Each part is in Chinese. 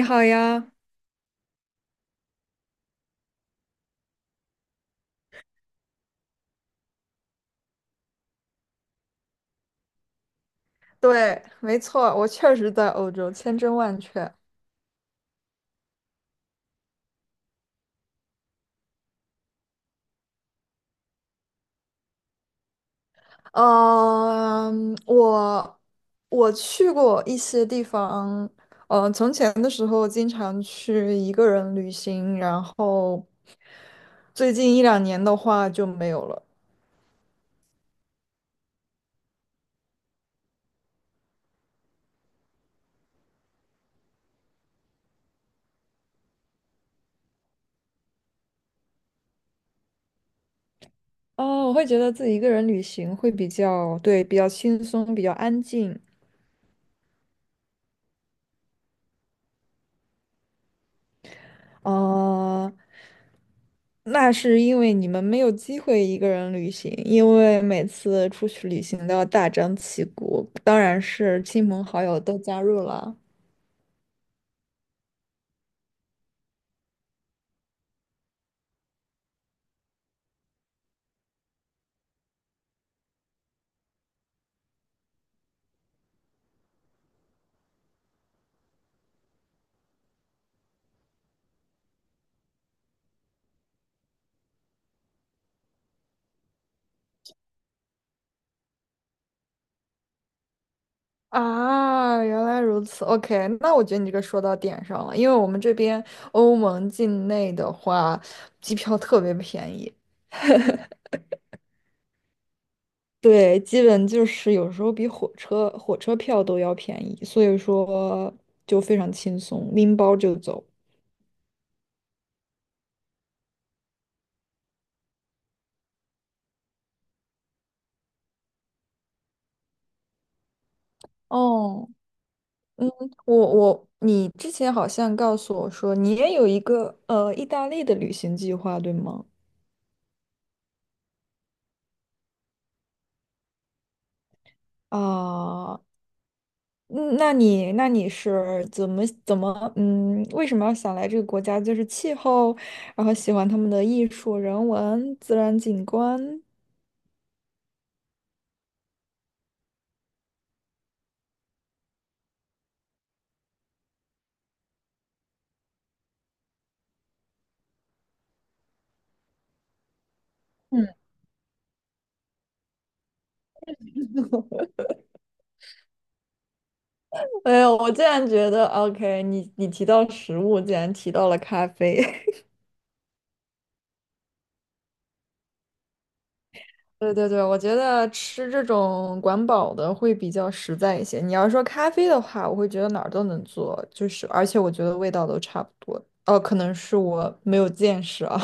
你好呀，对，没错，我确实在欧洲，千真万确。嗯，我我去过一些地方，从前的时候经常去一个人旅行，然后最近一两年的话就没有了。哦，我会觉得自己一个人旅行会比较，对，比较轻松，比较安静。哦，那是因为你们没有机会一个人旅行，因为每次出去旅行都要大张旗鼓，当然是亲朋好友都加入了。啊，原来如此。OK，那我觉得你这个说到点上了，因为我们这边欧盟境内的话，机票特别便宜。对，基本就是有时候比火车票都要便宜，所以说就非常轻松，拎包就走。哦。你之前好像告诉我说你也有一个意大利的旅行计划，对吗？啊，嗯那你那你是怎么为什么要想来这个国家？就是气候，然后喜欢他们的艺术、人文、自然景观。嗯，哎呦，我竟然觉得，OK，你提到食物，竟然提到了咖啡。对对对，我觉得吃这种管饱的会比较实在一些。你要说咖啡的话，我会觉得哪儿都能做，就是而且我觉得味道都差不多。哦，可能是我没有见识啊。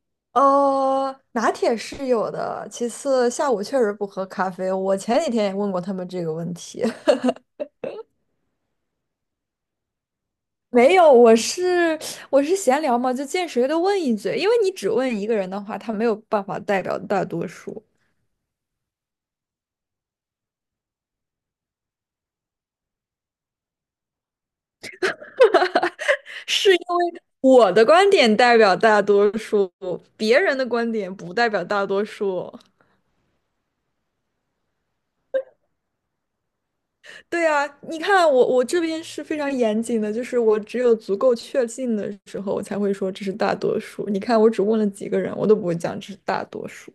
拿铁是有的，其次下午确实不喝咖啡。我前几天也问过他们这个问题。没有，我是闲聊嘛，就见谁都问一嘴，因为你只问一个人的话，他没有办法代表大多数。是。我的观点代表大多数，别人的观点不代表大多数。对啊，你看我这边是非常严谨的，就是我只有足够确信的时候，我才会说这是大多数。你看，我只问了几个人，我都不会讲这是大多数。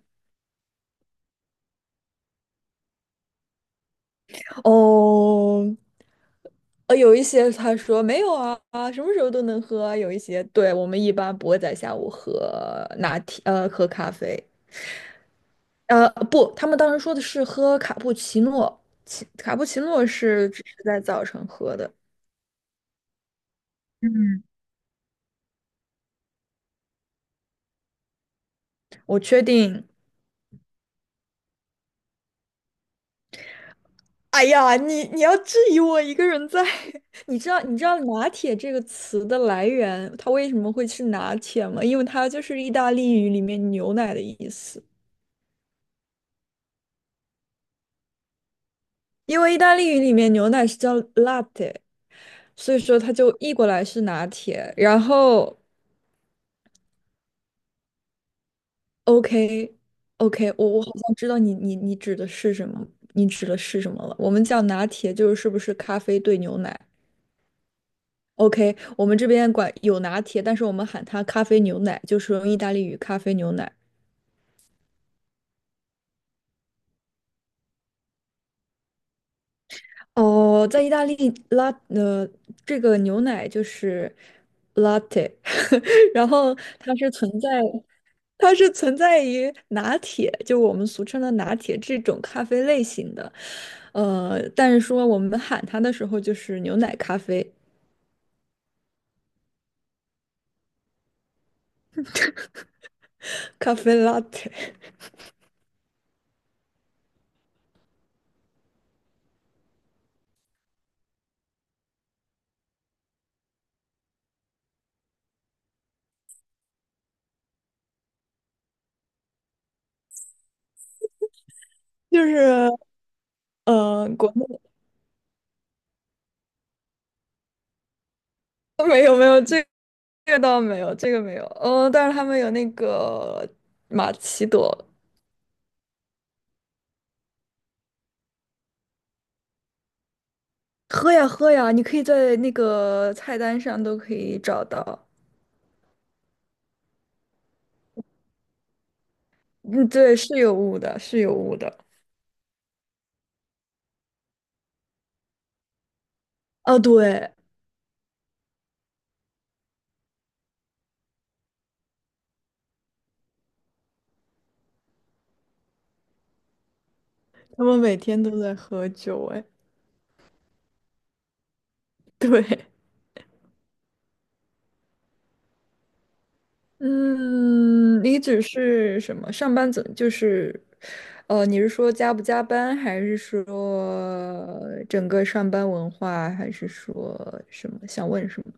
哦，有一些他说没有啊，啊，什么时候都能喝啊，有一些，对，我们一般不会在下午喝拿铁，喝咖啡。不，他们当时说的是喝卡布奇诺卡布奇诺是只是在早晨喝的。我确定。哎呀，你要质疑我一个人在？你知道拿铁这个词的来源，它为什么会是拿铁吗？因为它就是意大利语里面牛奶的意思。因为意大利语里面牛奶是叫 latte，所以说它就译过来是拿铁。然后 OK， OK，我好像知道你指的是什么，你指的是什么了？我们叫拿铁就是是不是咖啡兑牛奶？OK，我们这边管有拿铁，但是我们喊它咖啡牛奶，就是用意大利语咖啡牛奶。哦，在意大利拉呃，这个牛奶就是 latte。然后它是存在。它是存在于拿铁，就我们俗称的拿铁这种咖啡类型的，呃，但是说我们喊它的时候就是牛奶咖啡，咖啡 l 铁，就是国内。 没有没有这个倒没有，这个没有，但是他们有那个玛奇朵。喝呀喝呀，你可以在那个菜单上都可以找到。嗯，对，是有雾的，是有雾的。哦，对，他们每天都在喝酒，哎，对。嗯，你只是什么？上班怎就是，呃，你是说加不加班，还是说整个上班文化，还是说什么？想问什么？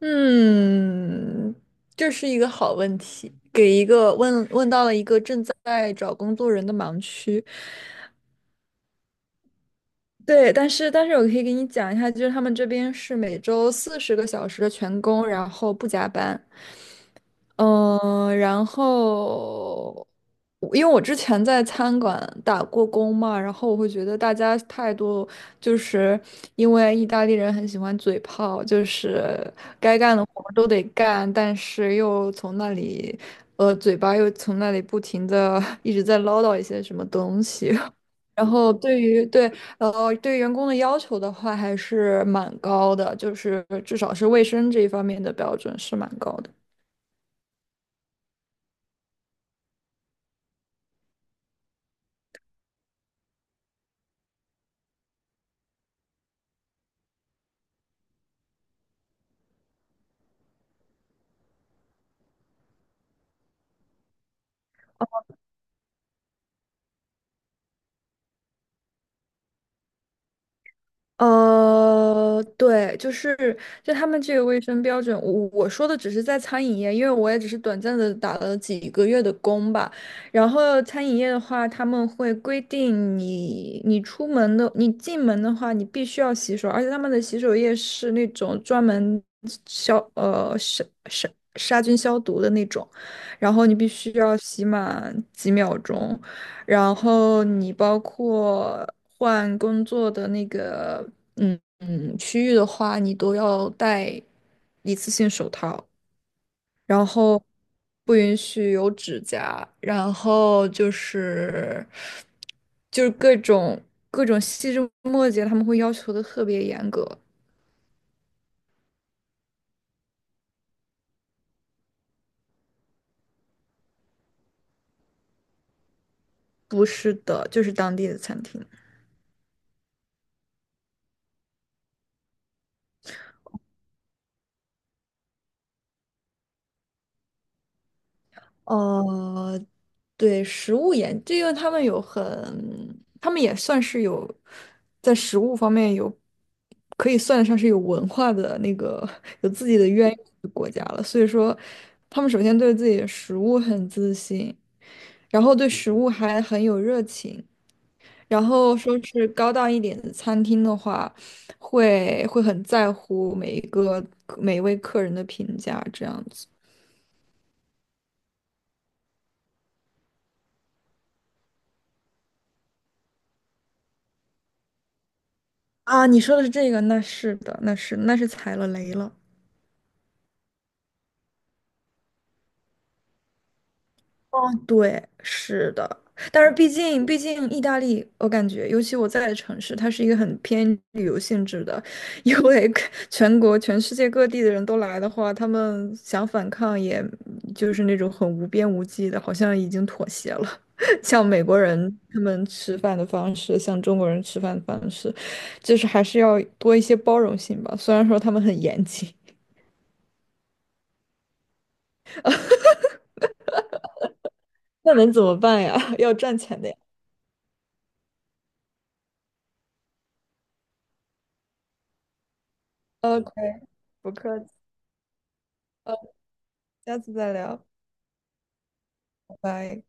嗯，这是一个好问题，给一个问到了一个正在找工作人的盲区。对，但是我可以给你讲一下，就是他们这边是每周40个小时的全工，然后不加班。嗯，然后因为我之前在餐馆打过工嘛，然后我会觉得大家态度就是因为意大利人很喜欢嘴炮，就是该干的活儿都得干，但是又从那里，呃，嘴巴又从那里不停的 一直在唠叨一些什么东西。然后对于对呃对员工的要求的话，还是蛮高的，就是至少是卫生这一方面的标准是蛮高的。对，就是他们这个卫生标准，我说的只是在餐饮业，因为我也只是短暂的打了几个月的工吧。然后餐饮业的话，他们会规定你出门的，你进门的话，你必须要洗手，而且他们的洗手液是那种专门消呃杀杀杀菌消毒的那种，然后你必须要洗满几秒钟。然后你包括换工作的那个，区域的话，你都要戴一次性手套。然后不允许有指甲，然后就是各种细枝末节，他们会要求的特别严格。不是的，就是当地的餐厅。呃，对，食物研，这个他们也算是有在食物方面有，可以算得上是有文化的那个 有自己的渊源的国家了。所以说，他们首先对自己的食物很自信，然后对食物还很有热情，然后说是高档一点的餐厅的话，会很在乎每一位客人的评价，这样子。啊，你说的是这个，那是的，那是踩了雷了。哦，对，是的，但是毕竟意大利，我感觉，尤其我在的城市，它是一个很偏旅游性质的，因为 全世界各地的人都来的话，他们想反抗，也就是那种很无边无际的，好像已经妥协了。像美国人他们吃饭的方式，像中国人吃饭的方式，就是还是要多一些包容性吧。虽然说他们很严谨。那能怎么办呀？要赚钱的呀。OK，不客气，呃，下次再聊，拜拜。